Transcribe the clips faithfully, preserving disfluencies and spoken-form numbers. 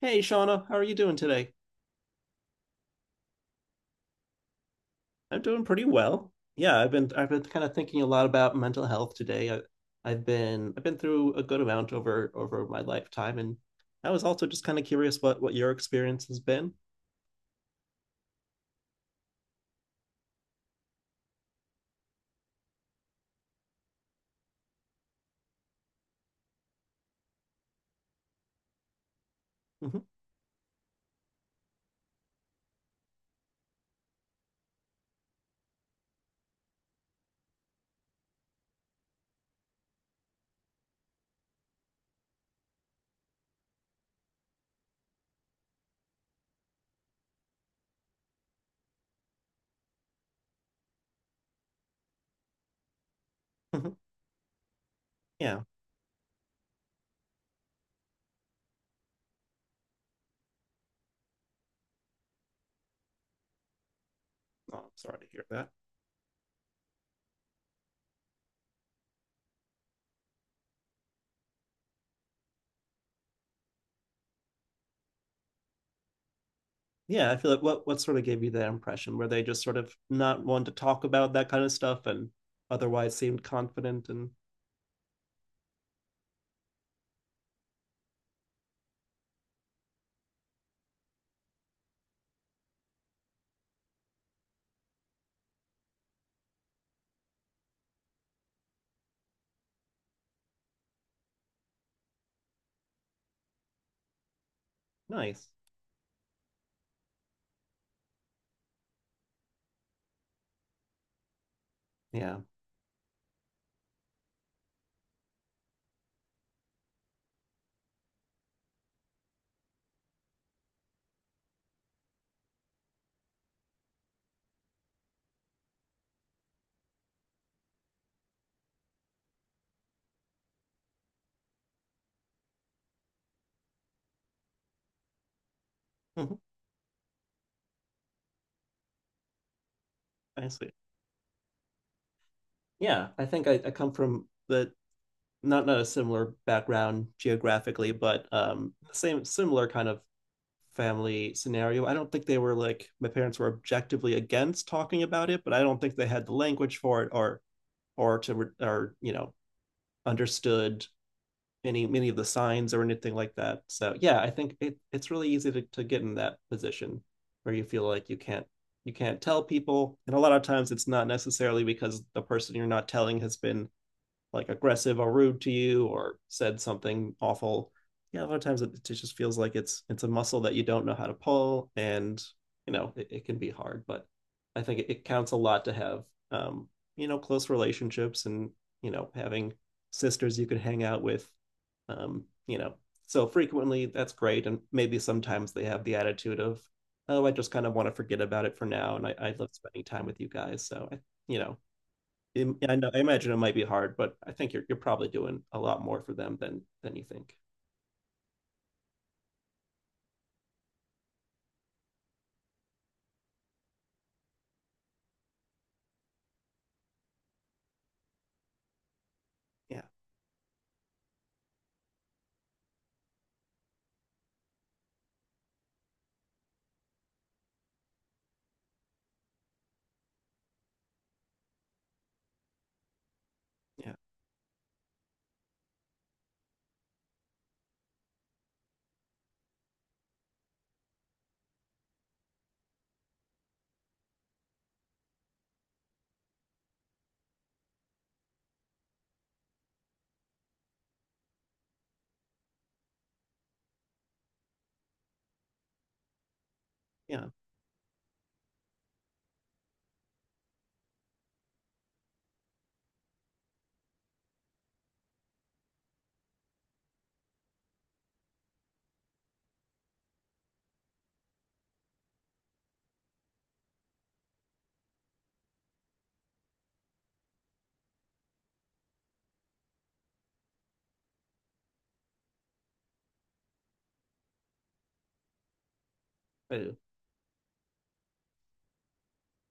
Hey, Shauna, how are you doing today? I'm doing pretty well. Yeah, I've been I've been kind of thinking a lot about mental health today. I, I've been I've been through a good amount over over my lifetime, and I was also just kind of curious what what your experience has been. Hmm. Hmm. Yeah. Oh, I'm sorry to hear that. Yeah, I feel like what what sort of gave you that impression? Were they just sort of not one to talk about that kind of stuff, and otherwise seemed confident and nice? Yeah. Hmm. I see. Yeah, I think I, I come from the not not a similar background geographically, but um same similar kind of family scenario. I don't think they were like my parents were objectively against talking about it, but I don't think they had the language for it or or to or you know understood any many of the signs or anything like that. So yeah, I think it it's really easy to, to get in that position where you feel like you can't you can't tell people, and a lot of times it's not necessarily because the person you're not telling has been like aggressive or rude to you or said something awful. Yeah, a lot of times it, it just feels like it's it's a muscle that you don't know how to pull, and you know it, it can be hard. But I think it, it counts a lot to have um you know close relationships, and you know having sisters you could hang out with um you know so frequently, that's great. And maybe sometimes they have the attitude of, oh, I just kind of want to forget about it for now, and i, I love spending time with you guys. So I you know im- I know, I imagine it might be hard, but I think you're you're probably doing a lot more for them than than you think. Yeah, yeah, yeah. I do.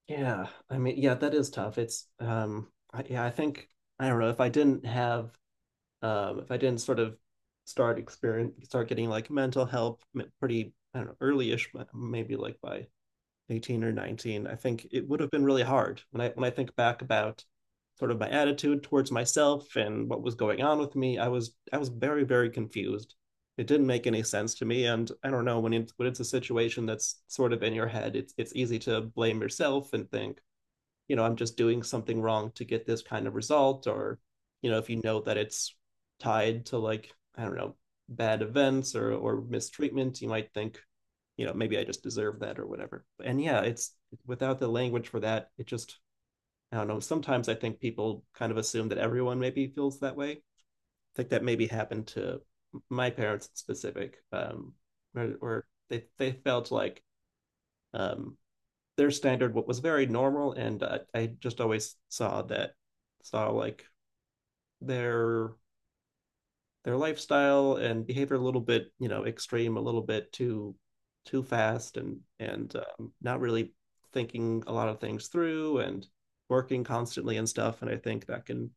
Yeah, I mean, yeah, that is tough. It's um, I, yeah, I think I don't know if I didn't have, um, if I didn't sort of start experience start getting like mental help pretty, I don't know, early-ish, maybe like by eighteen or nineteen. I think it would have been really hard when i when i think back about sort of my attitude towards myself and what was going on with me. I was i was very very confused. It didn't make any sense to me, and I don't know, when it's when it's a situation that's sort of in your head, it's it's easy to blame yourself and think, you know, I'm just doing something wrong to get this kind of result. Or, you know, if you know that it's tied to, like, I don't know, bad events or or mistreatment, you might think, you know, maybe I just deserve that or whatever. And yeah, it's, without the language for that, it just, I don't know. Sometimes I think people kind of assume that everyone maybe feels that way. I think that maybe happened to my parents in specific, um, or, or they they felt like um, their standard what was very normal. And uh, I just always saw that, saw like their their lifestyle and behavior a little bit, you know, extreme, a little bit too too fast and and um, not really thinking a lot of things through, and working constantly and stuff. And I think that can,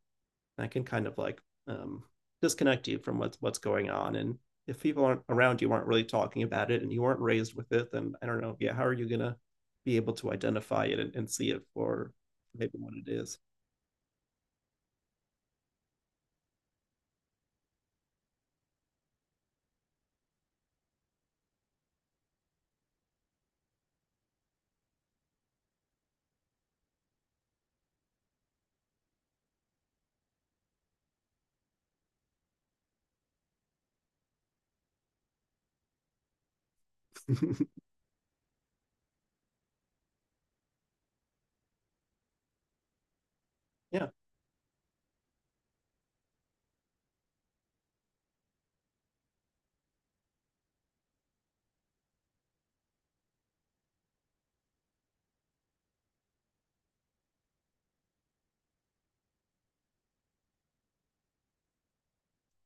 that can kind of like, um, disconnect you from what's what's going on. And if people aren't around you aren't really talking about it, and you weren't raised with it, then I don't know, yeah, how are you gonna be able to identify it, and, and see it for maybe what it is. Yeah.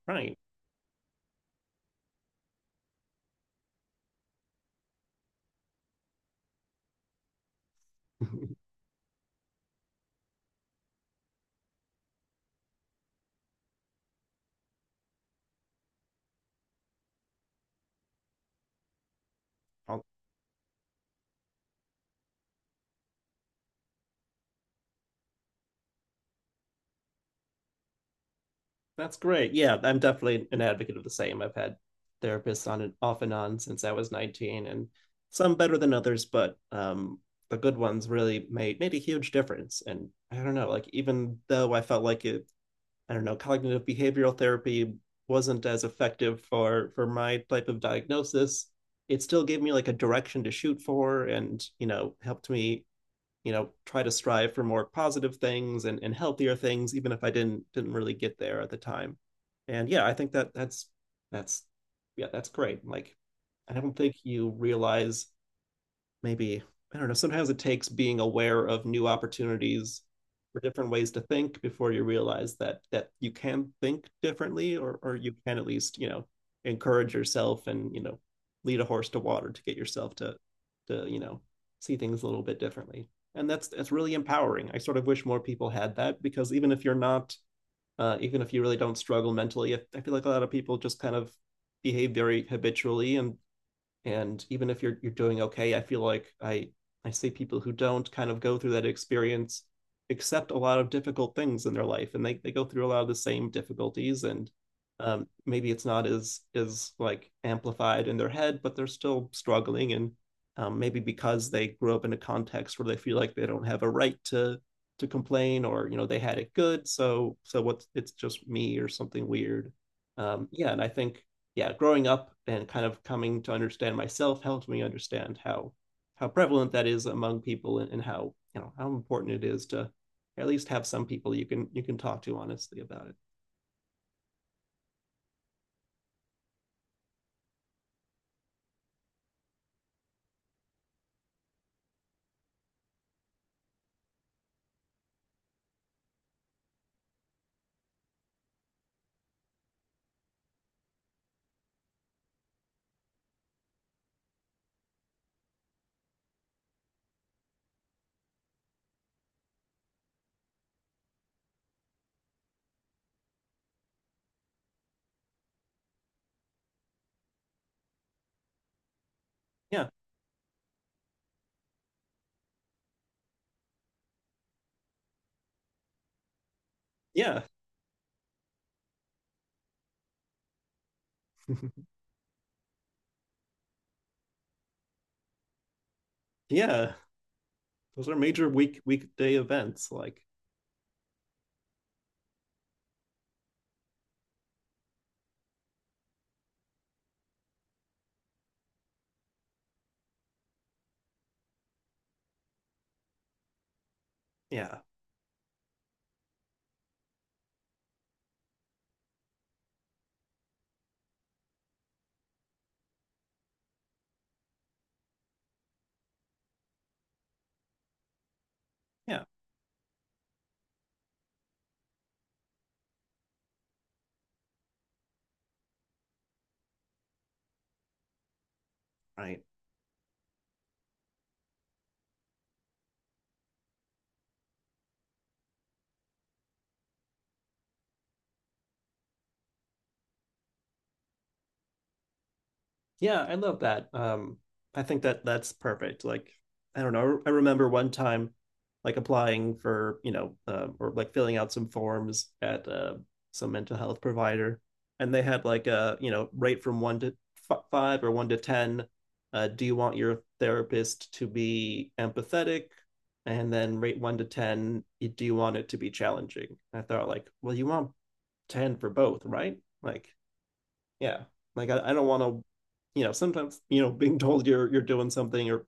Right. That's great. Yeah, I'm definitely an advocate of the same. I've had therapists on and off and on since I was nineteen, and some better than others. But um the good ones really made made a huge difference. And I don't know, like even though I felt like it, I don't know, cognitive behavioral therapy wasn't as effective for for my type of diagnosis. It still gave me like a direction to shoot for and, you know, helped me, you know, try to strive for more positive things and, and healthier things, even if I didn't didn't really get there at the time. And yeah, I think that, that's that's yeah, that's great. Like, I don't think you realize, maybe, I don't know. Sometimes it takes being aware of new opportunities for different ways to think before you realize that that you can think differently, or or you can at least, you know, encourage yourself and, you know, lead a horse to water to get yourself to to you know see things a little bit differently. And that's, that's really empowering. I sort of wish more people had that, because even if you're not, uh, even if you really don't struggle mentally, I feel like a lot of people just kind of behave very habitually, and and even if you're you're doing okay, I feel like i i see people who don't kind of go through that experience accept a lot of difficult things in their life, and they, they go through a lot of the same difficulties. And um, maybe it's not as as like amplified in their head, but they're still struggling. And um, maybe because they grew up in a context where they feel like they don't have a right to to complain, or, you know, they had it good, so so what's, it's just me or something weird. Um, yeah. And I think, yeah, growing up and kind of coming to understand myself helped me understand how how prevalent that is among people, and, and how, you know, how important it is to at least have some people you can you can talk to honestly about it. Yeah, yeah, yeah. Those are major week weekday events. Like, yeah, yeah, right. Yeah, I love that. Um, I think that that's perfect. Like, I don't know. I remember one time, like applying for, you know, uh, or like filling out some forms at uh, some mental health provider, and they had like a, you know, rate from one to f five, or one to ten. Uh, do you want your therapist to be empathetic? And then rate one to ten. Do you want it to be challenging? I thought like, well, you want ten for both, right? Like, yeah, like i, I don't want to, you know, sometimes, you know, being told you're you're doing something, or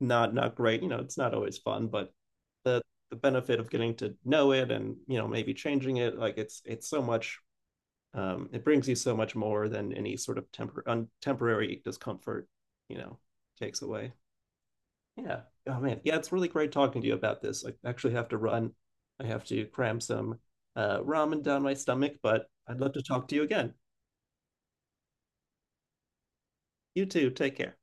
not not great, you know, it's not always fun. But the, the benefit of getting to know it and, you know, maybe changing it, like it's it's so much, um it brings you so much more than any sort of tempor- un- temporary discomfort, you know, takes away. Yeah. Oh man, yeah, it's really great talking to you about this. I actually have to run. I have to cram some uh ramen down my stomach, but I'd love to talk to you again. You too, take care.